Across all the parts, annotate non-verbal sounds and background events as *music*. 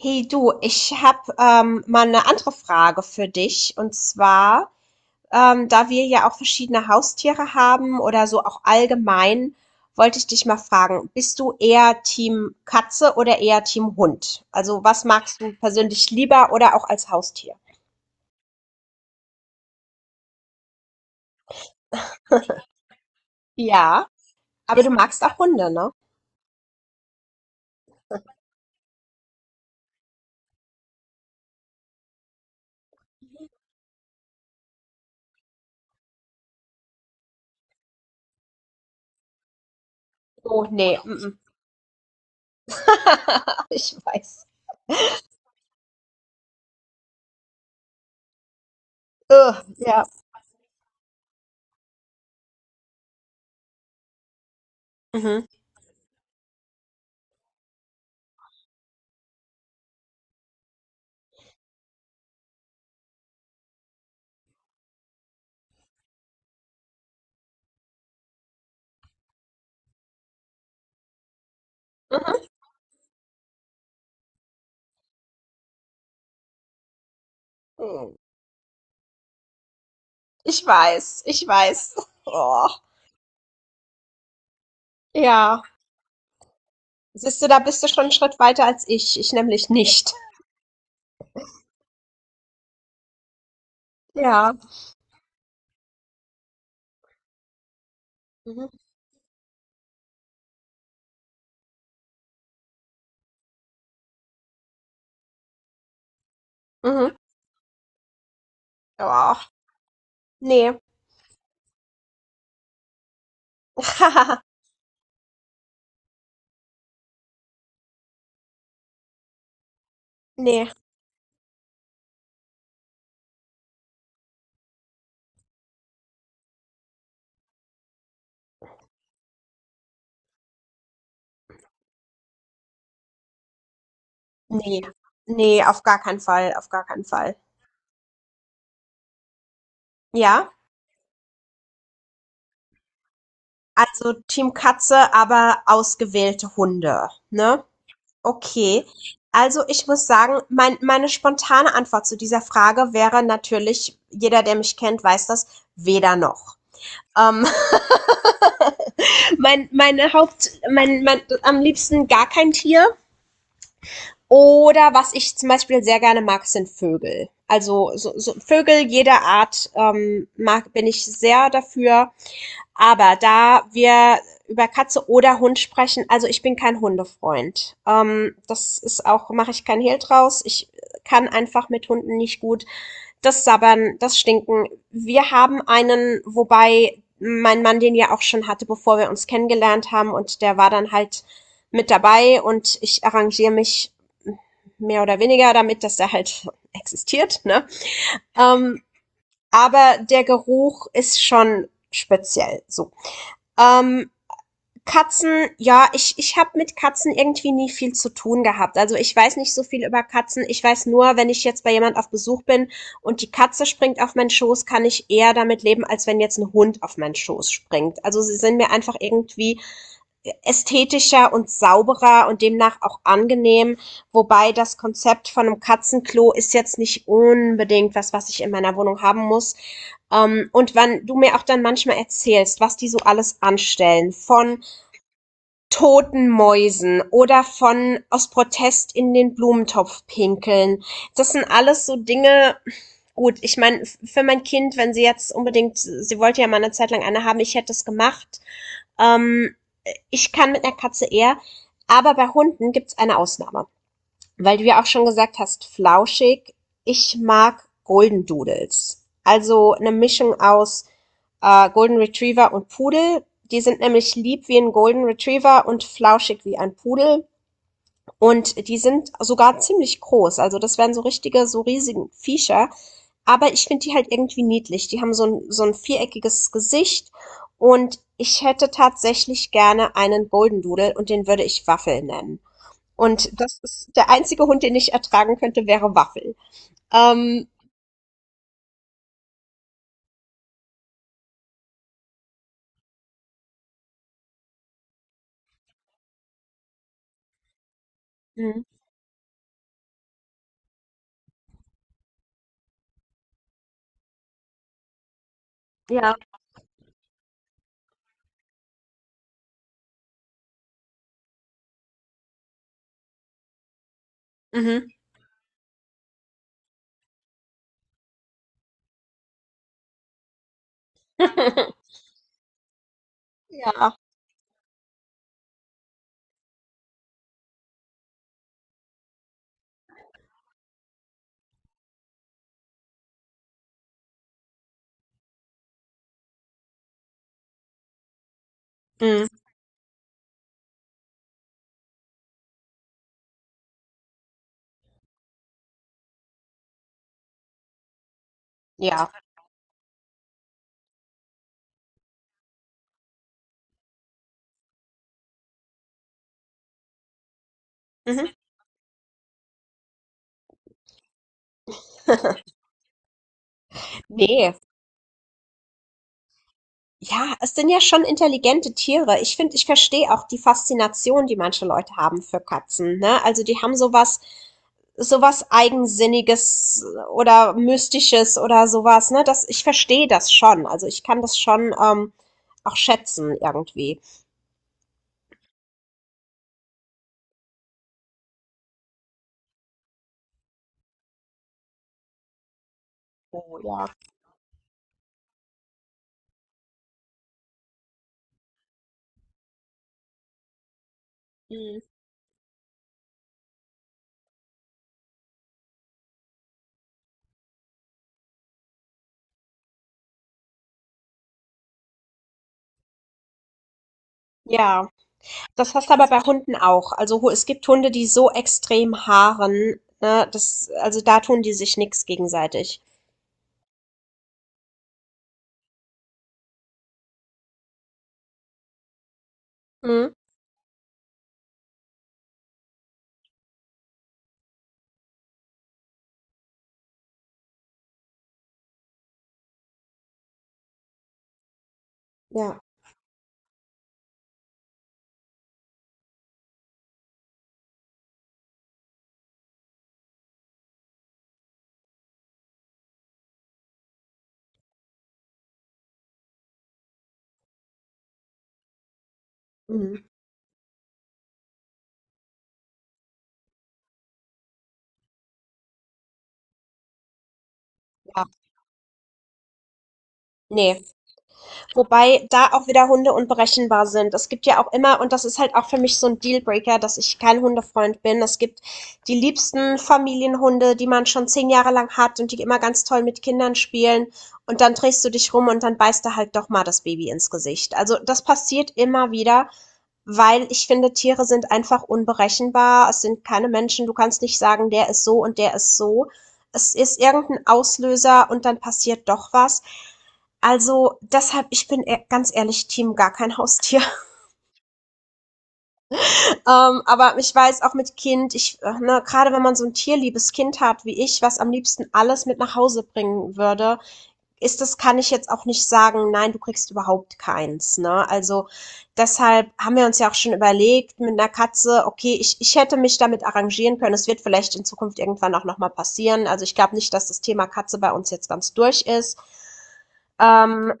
Hey du, ich habe mal eine andere Frage für dich. Und zwar, da wir ja auch verschiedene Haustiere haben oder so auch allgemein, wollte ich dich mal fragen, bist du eher Team Katze oder eher Team Hund? Also was magst du persönlich lieber oder auch als Haustier? *laughs* Ja, aber du magst auch Hunde, ne? Oh, nee, mm, mm. *laughs* Ich weiß. Ugh, ja. Mhm. Mhm. Ich weiß, ich weiß. Oh, ja. Siehst du, da bist du schon einen Schritt weiter als ich. Ich nämlich nicht. Ja. Mhm. Mhm. Ja. Nee. *laughs* Nee. Nee. Nee, auf gar keinen Fall. Auf gar keinen Fall. Ja. Also Team Katze, aber ausgewählte Hunde. Ne? Okay. Also ich muss sagen, meine spontane Antwort zu dieser Frage wäre natürlich, jeder, der mich kennt, weiß das, weder noch. Ähm, *laughs* mein, meine Haupt, mein, am liebsten gar kein Tier. Oder was ich zum Beispiel sehr gerne mag, sind Vögel. Also so Vögel jeder Art mag, bin ich sehr dafür. Aber da wir über Katze oder Hund sprechen, also ich bin kein Hundefreund. Das ist auch, mache ich kein Hehl draus. Ich kann einfach mit Hunden nicht gut das Sabbern, das Stinken. Wir haben einen, wobei mein Mann den ja auch schon hatte, bevor wir uns kennengelernt haben und der war dann halt mit dabei und ich arrangiere mich mehr oder weniger damit, dass der halt existiert, ne? Ähm, aber der Geruch ist schon speziell so. Ähm, Katzen, ja, ich habe mit Katzen irgendwie nie viel zu tun gehabt. Also ich weiß nicht so viel über Katzen. Ich weiß nur, wenn ich jetzt bei jemand auf Besuch bin und die Katze springt auf meinen Schoß, kann ich eher damit leben, als wenn jetzt ein Hund auf meinen Schoß springt. Also sie sind mir einfach irgendwie ästhetischer und sauberer und demnach auch angenehm. Wobei das Konzept von einem Katzenklo ist jetzt nicht unbedingt was, was ich in meiner Wohnung haben muss. Und wenn du mir auch dann manchmal erzählst, was die so alles anstellen, von toten Mäusen oder von aus Protest in den Blumentopf pinkeln. Das sind alles so Dinge, gut, ich meine, für mein Kind, wenn sie jetzt unbedingt, sie wollte ja mal eine Zeit lang eine haben, ich hätte es gemacht. Ähm, ich kann mit einer Katze eher, aber bei Hunden gibt's eine Ausnahme. Weil du ja auch schon gesagt hast, flauschig. Ich mag Golden Doodles. Also eine Mischung aus Golden Retriever und Pudel. Die sind nämlich lieb wie ein Golden Retriever und flauschig wie ein Pudel. Und die sind sogar ziemlich groß. Also das wären so richtige, so riesige Viecher. Aber ich finde die halt irgendwie niedlich. Die haben so ein viereckiges Gesicht. Und ich hätte tatsächlich gerne einen Golden Doodle und den würde ich Waffel nennen. Und das ist der einzige Hund, den ich ertragen könnte, wäre Waffel. Ähm, Mhm. Ja. Mhm. *laughs* Ja. Mhm. Ja. Mhm. *laughs* Nee. Ja, es sind ja schon intelligente Tiere. Ich finde, ich verstehe auch die Faszination, die manche Leute haben für Katzen, ne? Also die haben sowas, sowas Eigensinniges oder Mystisches oder sowas, ne? Ich verstehe das schon. Also ich kann das schon auch schätzen irgendwie. Oh ja. Mhm. Ja. Das hast du aber bei Hunden auch. Also es gibt Hunde, die so extrem haaren, ne, das, also da tun die sich nix gegenseitig. Mhm. Ja. Mhm. Ja. Nee. Wobei da auch wieder Hunde unberechenbar sind. Es gibt ja auch immer, und das ist halt auch für mich so ein Dealbreaker, dass ich kein Hundefreund bin. Es gibt die liebsten Familienhunde, die man schon 10 Jahre lang hat und die immer ganz toll mit Kindern spielen. Und dann drehst du dich rum und dann beißt er halt doch mal das Baby ins Gesicht. Also das passiert immer wieder. Weil ich finde, Tiere sind einfach unberechenbar. Es sind keine Menschen. Du kannst nicht sagen, der ist so und der ist so. Es ist irgendein Auslöser und dann passiert doch was. Also deshalb, ich bin ganz ehrlich, Team gar kein Haustier. *laughs* Aber ich weiß auch mit Kind, ich, ne, gerade wenn man so ein tierliebes Kind hat wie ich, was am liebsten alles mit nach Hause bringen würde, ist das, kann ich jetzt auch nicht sagen, nein, du kriegst überhaupt keins. Ne? Also deshalb haben wir uns ja auch schon überlegt mit einer Katze, okay, ich hätte mich damit arrangieren können. Es wird vielleicht in Zukunft irgendwann auch nochmal passieren. Also ich glaube nicht, dass das Thema Katze bei uns jetzt ganz durch ist. Ähm,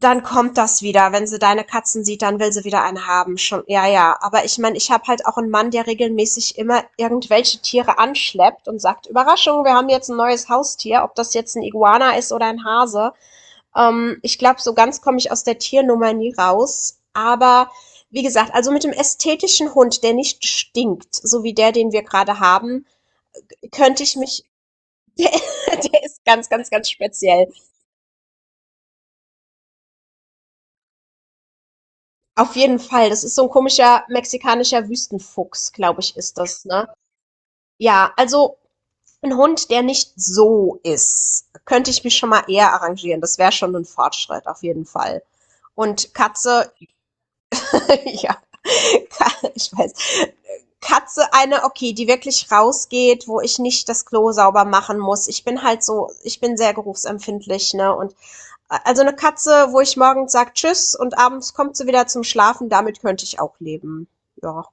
dann kommt das wieder. Wenn sie deine Katzen sieht, dann will sie wieder eine haben. Schon, ja, ja. Aber ich meine, ich habe halt auch einen Mann, der regelmäßig immer irgendwelche Tiere anschleppt und sagt, Überraschung, wir haben jetzt ein neues Haustier, ob das jetzt ein Iguana ist oder ein Hase. Ich glaube, so ganz komme ich aus der Tiernummer nie raus. Aber wie gesagt, also mit dem ästhetischen Hund, der nicht stinkt, so wie der, den wir gerade haben, könnte ich mich. *laughs* Der, der ist ganz, ganz, ganz speziell. Auf jeden Fall. Das ist so ein komischer mexikanischer Wüstenfuchs, glaube ich, ist das, ne? Ja, also ein Hund, der nicht so ist, könnte ich mich schon mal eher arrangieren. Das wäre schon ein Fortschritt, auf jeden Fall. Und Katze, *laughs* Ja, ich weiß. Katze eine, okay, die wirklich rausgeht, wo ich nicht das Klo sauber machen muss. Ich bin halt so, ich bin sehr geruchsempfindlich, ne? Und also eine Katze, wo ich morgens sag Tschüss und abends kommt sie wieder zum Schlafen, damit könnte ich auch leben. Ja.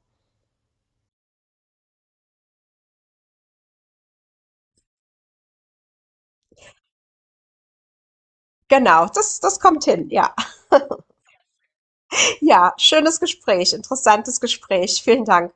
Genau, das kommt hin, ja. *laughs* Ja, schönes Gespräch, interessantes Gespräch. Vielen Dank.